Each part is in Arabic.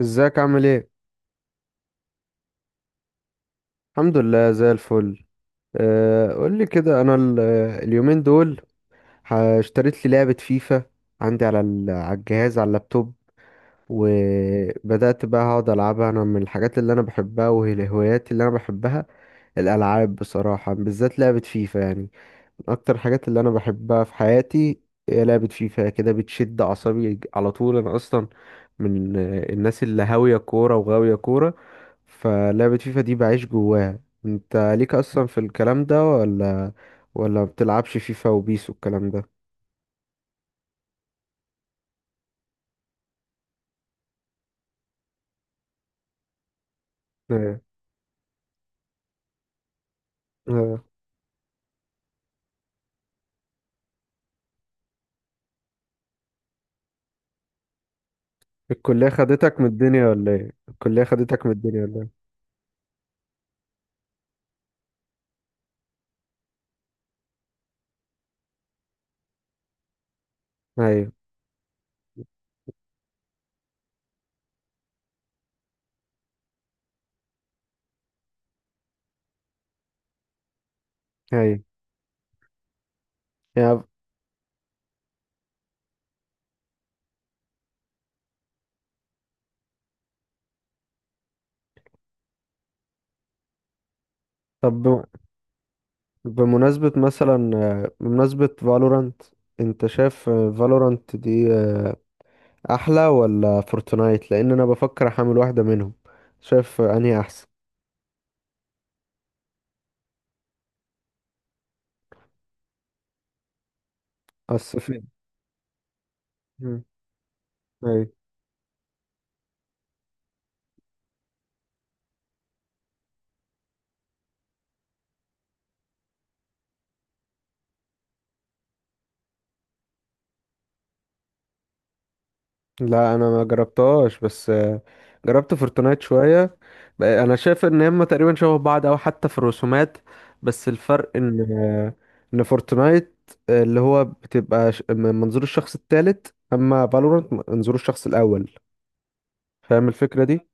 ازيك عامل ايه؟ الحمد لله زي الفل. قول لي كده، انا اليومين دول اشتريت لي لعبة فيفا، عندي على على الجهاز، على اللابتوب. وبدأت بقى اقعد العبها، انا من الحاجات اللي انا بحبها وهي الهوايات اللي انا بحبها الالعاب، بصراحة، بالذات لعبة فيفا يعني. من اكتر الحاجات اللي انا بحبها في حياتي هي لعبة فيفا، كده بتشد اعصابي على طول. انا اصلا من الناس اللي هاوية كورة وغاوية كورة، فلعبة فيفا دي بعيش جواها. انت ليك اصلا في الكلام ده ولا بتلعبش فيفا وبيس والكلام ده؟ ايه. اه. الكلية خدتك من الدنيا ولا ايه؟ الكلية خدتك من الدنيا ولا ايه؟ ايوه. ايوه. يعني، طب بم- بمناسبة مثلا اه، بمناسبة فالورانت، انت شايف فالورانت دي احلى ولا فورتنايت؟ لان انا بفكر احمل واحدة منهم. شايف انهي احسن؟ اصل في. مم. لا انا ما جربتهاش، بس جربت فورتنايت شويه. انا شايف ان هما تقريبا شبه بعض، او حتى في الرسومات، بس الفرق ان فورتنايت، اللي هو بتبقى من منظور الشخص الثالث، اما فالورانت من منظور الشخص الاول، فاهم الفكره دي؟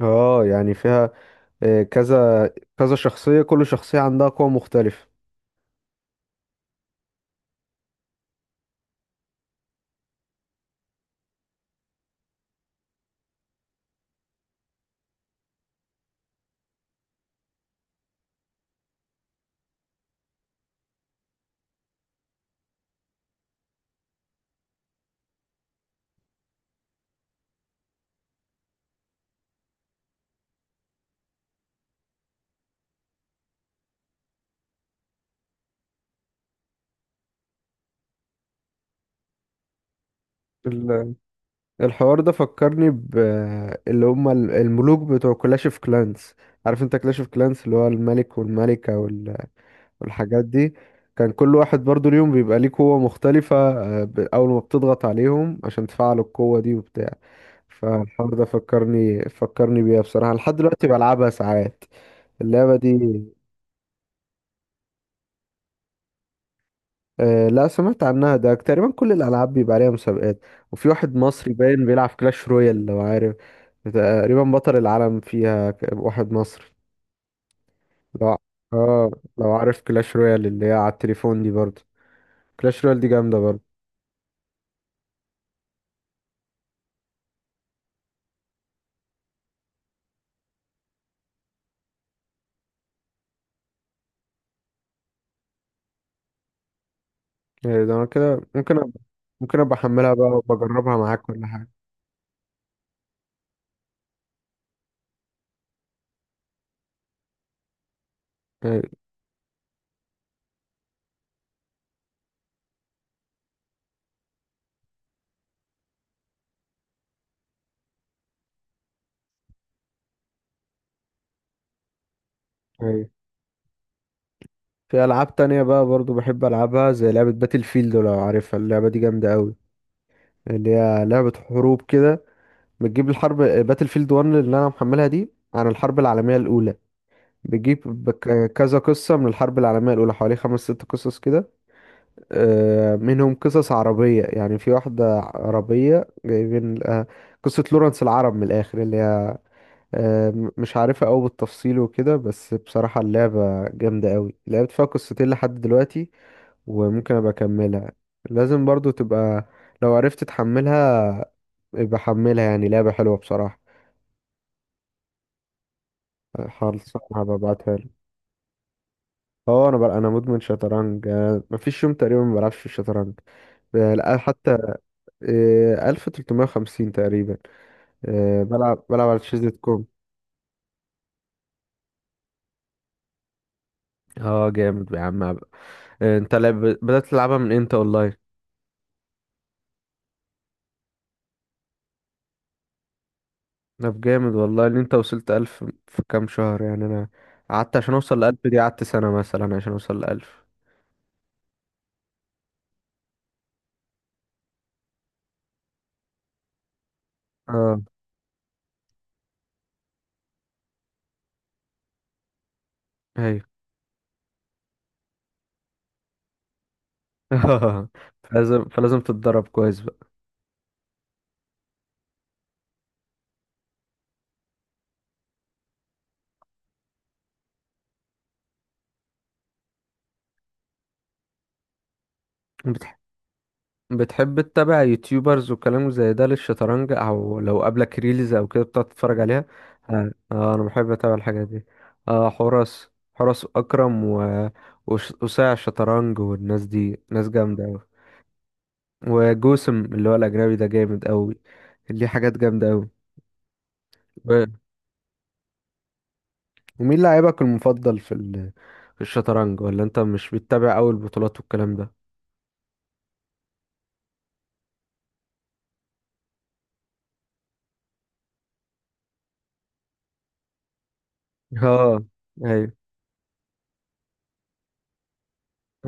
اه، يعني فيها آه، كذا كذا شخصيه، كل شخصيه عندها قوه مختلفه. الحوار ده فكرني ب اللي هم الملوك بتوع كلاش اوف كلانس. عارف انت كلاش اوف كلانس اللي هو الملك والملكة والحاجات دي؟ كان كل واحد برضو اليوم بيبقى ليه قوة مختلفة، أول ما بتضغط عليهم عشان تفعلوا القوة دي وبتاع. فالحوار ده فكرني بيها بصراحة، لحد دلوقتي بلعبها ساعات اللعبة دي. آه، لا سمعت عنها، ده تقريبا كل الألعاب بيبقى عليها مسابقات. وفي واحد مصري باين بيلعب كلاش رويال، لو عارف، تقريبا بطل العالم فيها، واحد مصري. لو ع- اه، لو عارف كلاش رويال اللي هي على التليفون دي برضه، كلاش رويال دي جامدة برضه. ده أنا كده ممكن أبقى أحملها بقى وبجربها معاك كل حاجة. أيوة. أيوة. في ألعاب تانية بقى برضه بحب ألعبها، زي لعبة باتل فيلد، لو عارفها اللعبة دي جامدة أوي، اللي هي لعبة حروب كده. بتجيب الحرب، باتل فيلد 1 اللي انا محملها دي، عن الحرب العالميه الاولى. بتجيب كذا قصه من الحرب العالميه الاولى، حوالي خمس ست قصص كده، منهم قصص عربيه يعني. في واحده عربيه جايبين قصه لورنس العرب من الاخر، اللي هي مش عارفها قوي بالتفصيل وكده، بس بصراحه اللعبه جامده قوي. لعبت فيها قصتين لحد دلوقتي وممكن ابقى اكملها. لازم برضو تبقى، لو عرفت تحملها يبقى حملها، يعني لعبه حلوه بصراحه. خالص، انا ببعتها لك. اه، انا بقى مدمن شطرنج، مفيش يوم تقريبا ما بلعبش في الشطرنج. آه، لا حتى آه، 1350 تقريبا. بلعب على تشيز دوت كوم. اه، جامد يا عم. انت بدأت تلعبها من امتى اونلاين؟ طب جامد والله ان انت وصلت 1000 في كام شهر، يعني انا قعدت عشان اوصل ل 1000 دي، قعدت سنة مثلا عشان اوصل ل 1000. اه. ايوه. فلازم تتدرب كويس. بقى بتحب تتابع يوتيوبرز وكلام زي ده للشطرنج، او لو قابلك ريلز او كده بتقعد تتفرج عليها؟ اه. انا بحب اتابع الحاجات دي. اه، حراس. حراس اكرم و وساع الشطرنج، والناس دي ناس جامده قوي. وجوسم اللي هو الاجنبي ده جامد قوي، ليه حاجات جامده قوي. ومين لاعبك المفضل في ال... في الشطرنج؟ ولا انت مش بتتابع اول البطولات والكلام ده؟ اه. ايوه.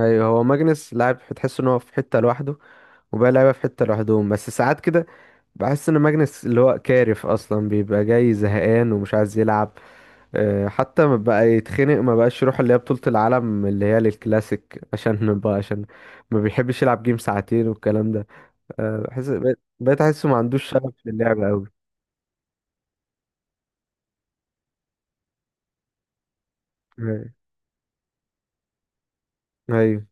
ايوه، هو ماجنس لاعب تحس ان هو في حته لوحده، وبقى لعيبه في حته لوحدهم. بس ساعات كده بحس ان ماجنس، اللي هو كارف، اصلا بيبقى جاي زهقان ومش عايز يلعب. أه، حتى ما بقى يتخنق، ما بقاش يروح اللي هي بطولة العالم اللي هي للكلاسيك. عشان بقى ما بيحبش يلعب جيم ساعتين والكلام ده. أه، بحس بقيت احسه ما عندوش شغف للعب قوي. ايوه. ايوه.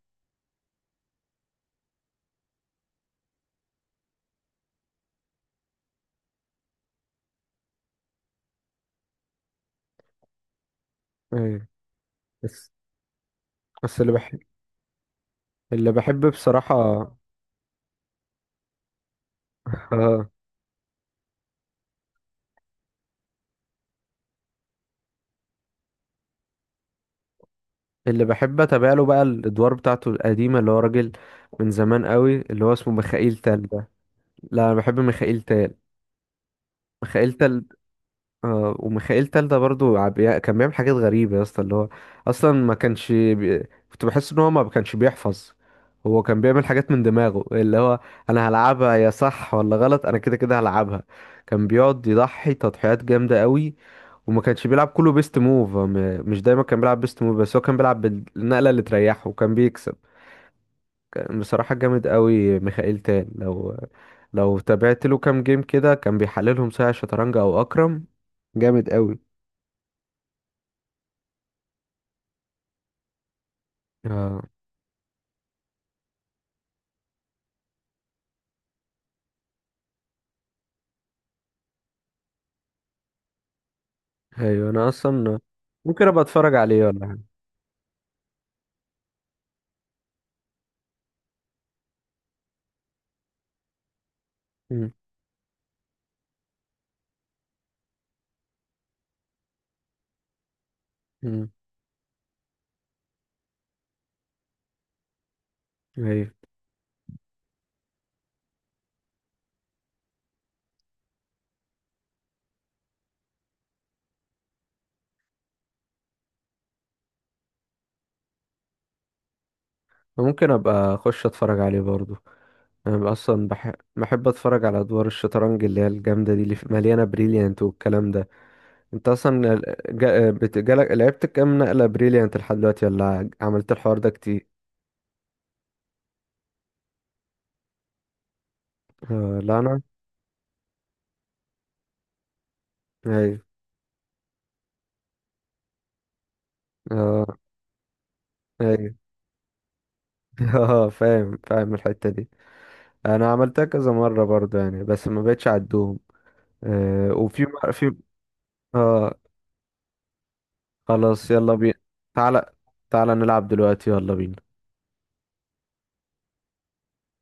أيوة. بس بس اللي بحب، بصراحة. اه. اللي بحب اتابع له بقى الادوار بتاعته القديمه، اللي هو راجل من زمان قوي، اللي هو اسمه ميخائيل تال ده. لا انا بحب ميخائيل تال. ميخائيل تال. آه، وميخائيل تالدة برضو كان بيعمل حاجات غريبة يا اسطى، اللي هو أصلا ما كانش بي... كنت بحس إن هو ما كانش بيحفظ. هو كان بيعمل حاجات من دماغه، اللي هو أنا هلعبها يا صح ولا غلط، أنا كده كده هلعبها. كان بيقعد يضحي تضحيات جامدة قوي، وما كانش بيلعب كله بيست موف. هو مش دايما كان بيلعب بيست موف، بس هو كان بيلعب بالنقلة اللي تريحه وكان بيكسب. كان بصراحة جامد قوي ميخائيل تال، لو تابعت له كام جيم كده كان بيحللهم ساعة شطرنج أو أكرم. جامد قوي. اه. ايوه، انا اصلا ممكن ابقى اتفرج عليه ولا حاجه. مم. مم. ايوه، ممكن ابقى اخش اتفرج عليه برضو. انا اصلا بحب اتفرج على ادوار الشطرنج اللي هي الجامده دي، اللي مليانه بريليانت والكلام ده. انت اصلا لعبت كام نقله بريليانت لحد دلوقتي؟ ولا عملت الحوار ده كتير؟ آه، لا انا. ايوه. اه. ايوه. اه، فاهم الحته دي. انا عملتها كذا مره برضو يعني، بس ما بقتش اعدهم. آه وفي مر- في اه، خلاص يلا بينا. تعالى. نلعب دلوقتي، يلا بينا.